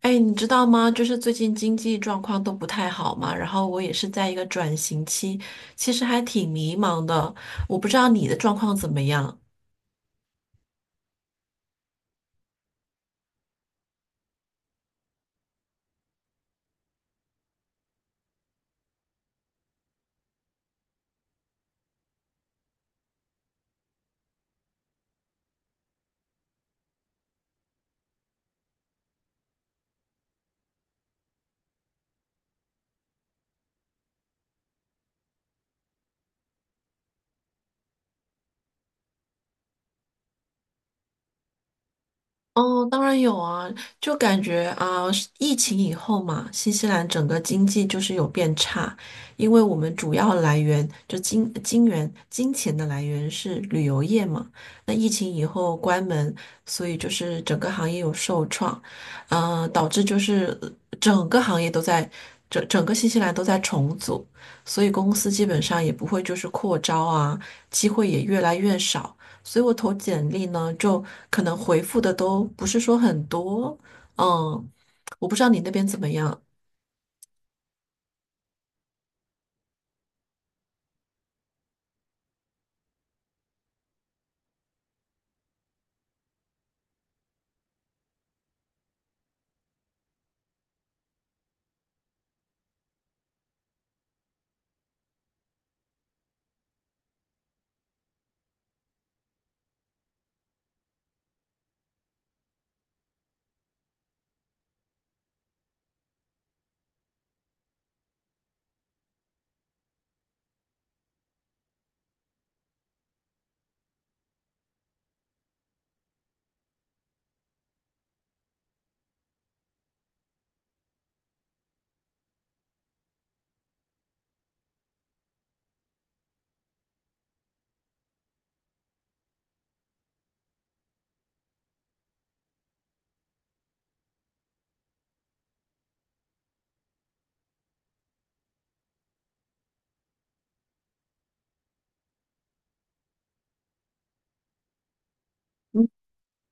哎，你知道吗？就是最近经济状况都不太好嘛，然后我也是在一个转型期，其实还挺迷茫的。我不知道你的状况怎么样。哦，当然有啊，就感觉啊，疫情以后嘛，新西兰整个经济就是有变差，因为我们主要来源就金金源金钱的来源是旅游业嘛，那疫情以后关门，所以就是整个行业有受创，导致就是整个行业都在整个新西兰都在重组，所以公司基本上也不会就是扩招啊，机会也越来越少。所以我投简历呢，就可能回复的都不是说很多，嗯，我不知道你那边怎么样。嗯，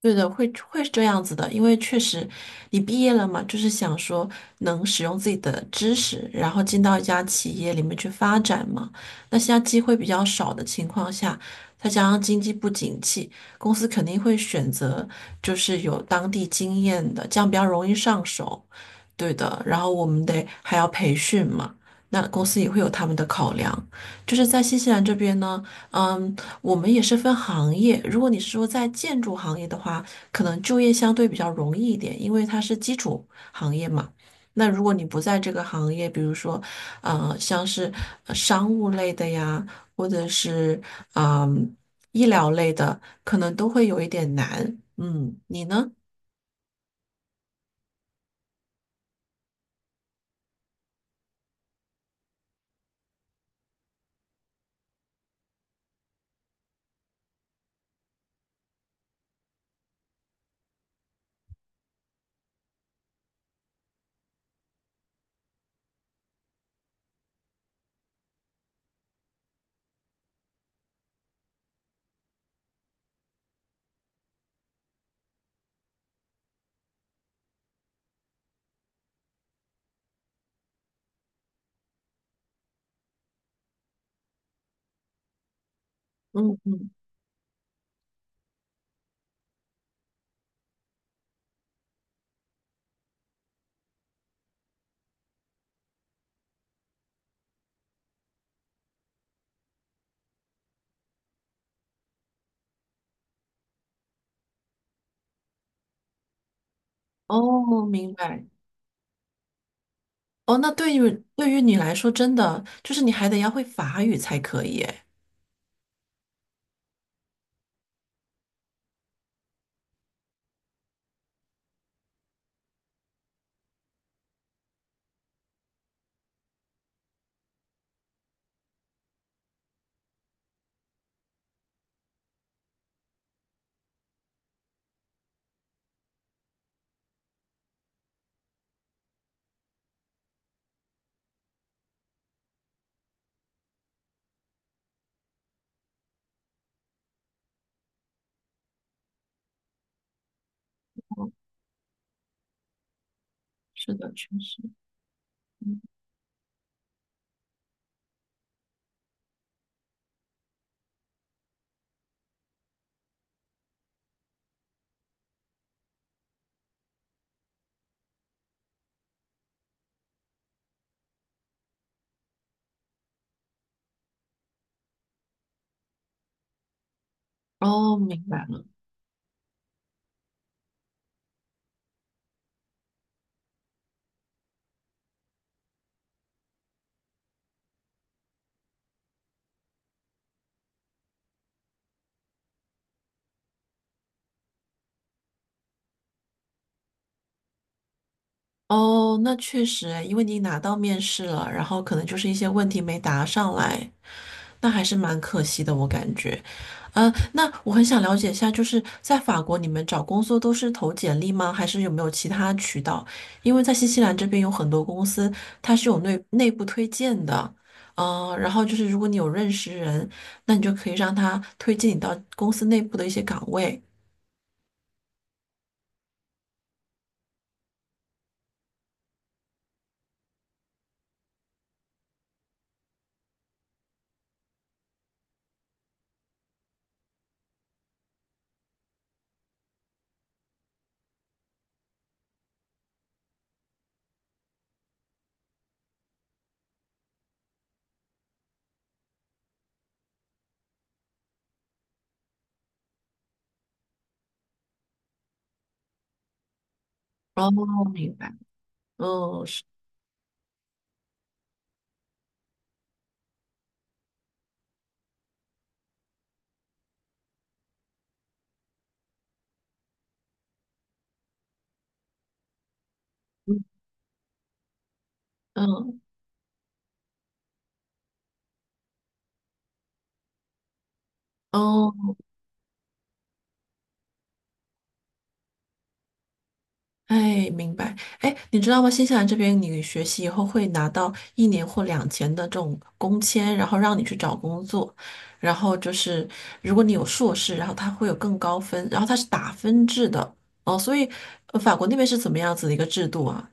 对的，会是这样子的，因为确实你毕业了嘛，就是想说能使用自己的知识，然后进到一家企业里面去发展嘛。那现在机会比较少的情况下，再加上经济不景气，公司肯定会选择就是有当地经验的，这样比较容易上手。对的，然后我们得还要培训嘛，那公司也会有他们的考量。就是在新西兰这边呢，嗯，我们也是分行业。如果你是说在建筑行业的话，可能就业相对比较容易一点，因为它是基础行业嘛。那如果你不在这个行业，比如说，像是商务类的呀，或者是嗯医疗类的，可能都会有一点难。嗯，你呢？嗯嗯，哦，明白。哦，那对于你来说，真的就是你还得要会法语才可以，哎，是的，确实。哦，明白了。哦，那确实诶，因为你拿到面试了，然后可能就是一些问题没答上来，那还是蛮可惜的，我感觉。那我很想了解一下，就是在法国，你们找工作都是投简历吗？还是有没有其他渠道？因为在新西兰这边有很多公司，它是有内部推荐的。然后就是如果你有认识人，那你就可以让他推荐你到公司内部的一些岗位。哦，明白。嗯，是，嗯嗯哦，哎，明白。哎，你知道吗？新西兰这边，你学习以后会拿到1年或2年的这种工签，然后让你去找工作。然后就是，如果你有硕士，然后它会有更高分，然后它是打分制的。哦，所以，法国那边是怎么样子的一个制度啊？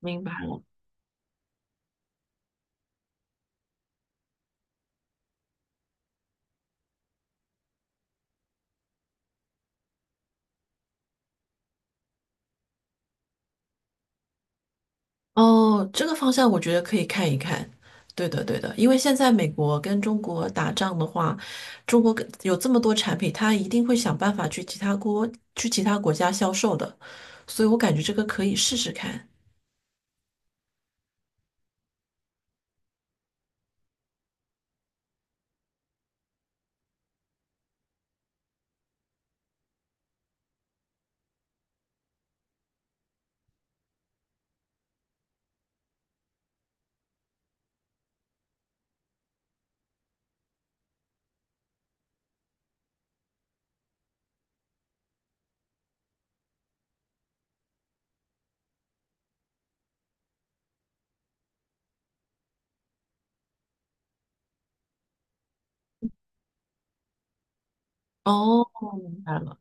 明白了。哦，这个方向我觉得可以看一看。对的，对的，因为现在美国跟中国打仗的话，中国跟有这么多产品，它一定会想办法去其他国家销售的，所以我感觉这个可以试试看。哦，明白了。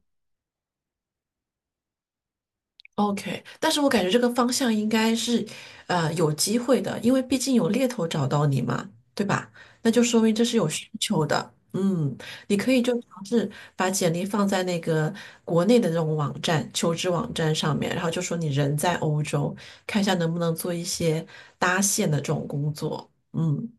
OK，但是我感觉这个方向应该是，有机会的，因为毕竟有猎头找到你嘛，对吧？那就说明这是有需求的。嗯，你可以就尝试把简历放在那个国内的这种网站、求职网站上面，然后就说你人在欧洲，看一下能不能做一些搭线的这种工作。嗯。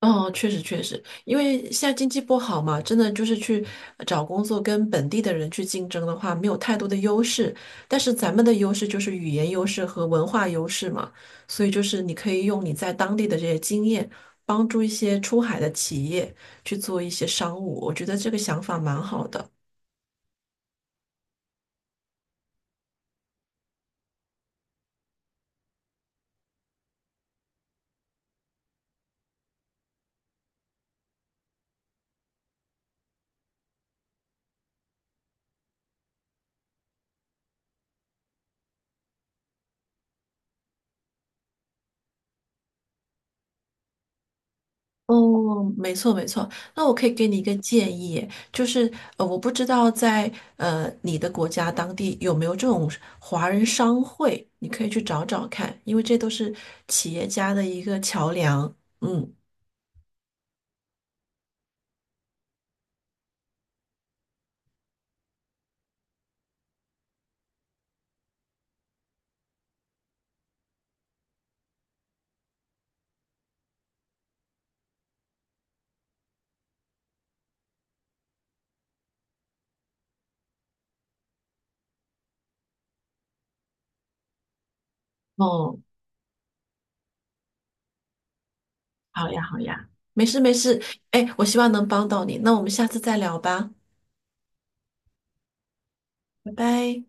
哦，确实确实，因为现在经济不好嘛，真的就是去找工作跟本地的人去竞争的话，没有太多的优势。但是咱们的优势就是语言优势和文化优势嘛，所以就是你可以用你在当地的这些经验，帮助一些出海的企业去做一些商务，我觉得这个想法蛮好的。哦，没错没错。那我可以给你一个建议，就是我不知道在你的国家当地有没有这种华人商会，你可以去找找看，因为这都是企业家的一个桥梁。嗯，哦，好呀好呀，没事没事。哎，我希望能帮到你，那我们下次再聊吧，拜拜。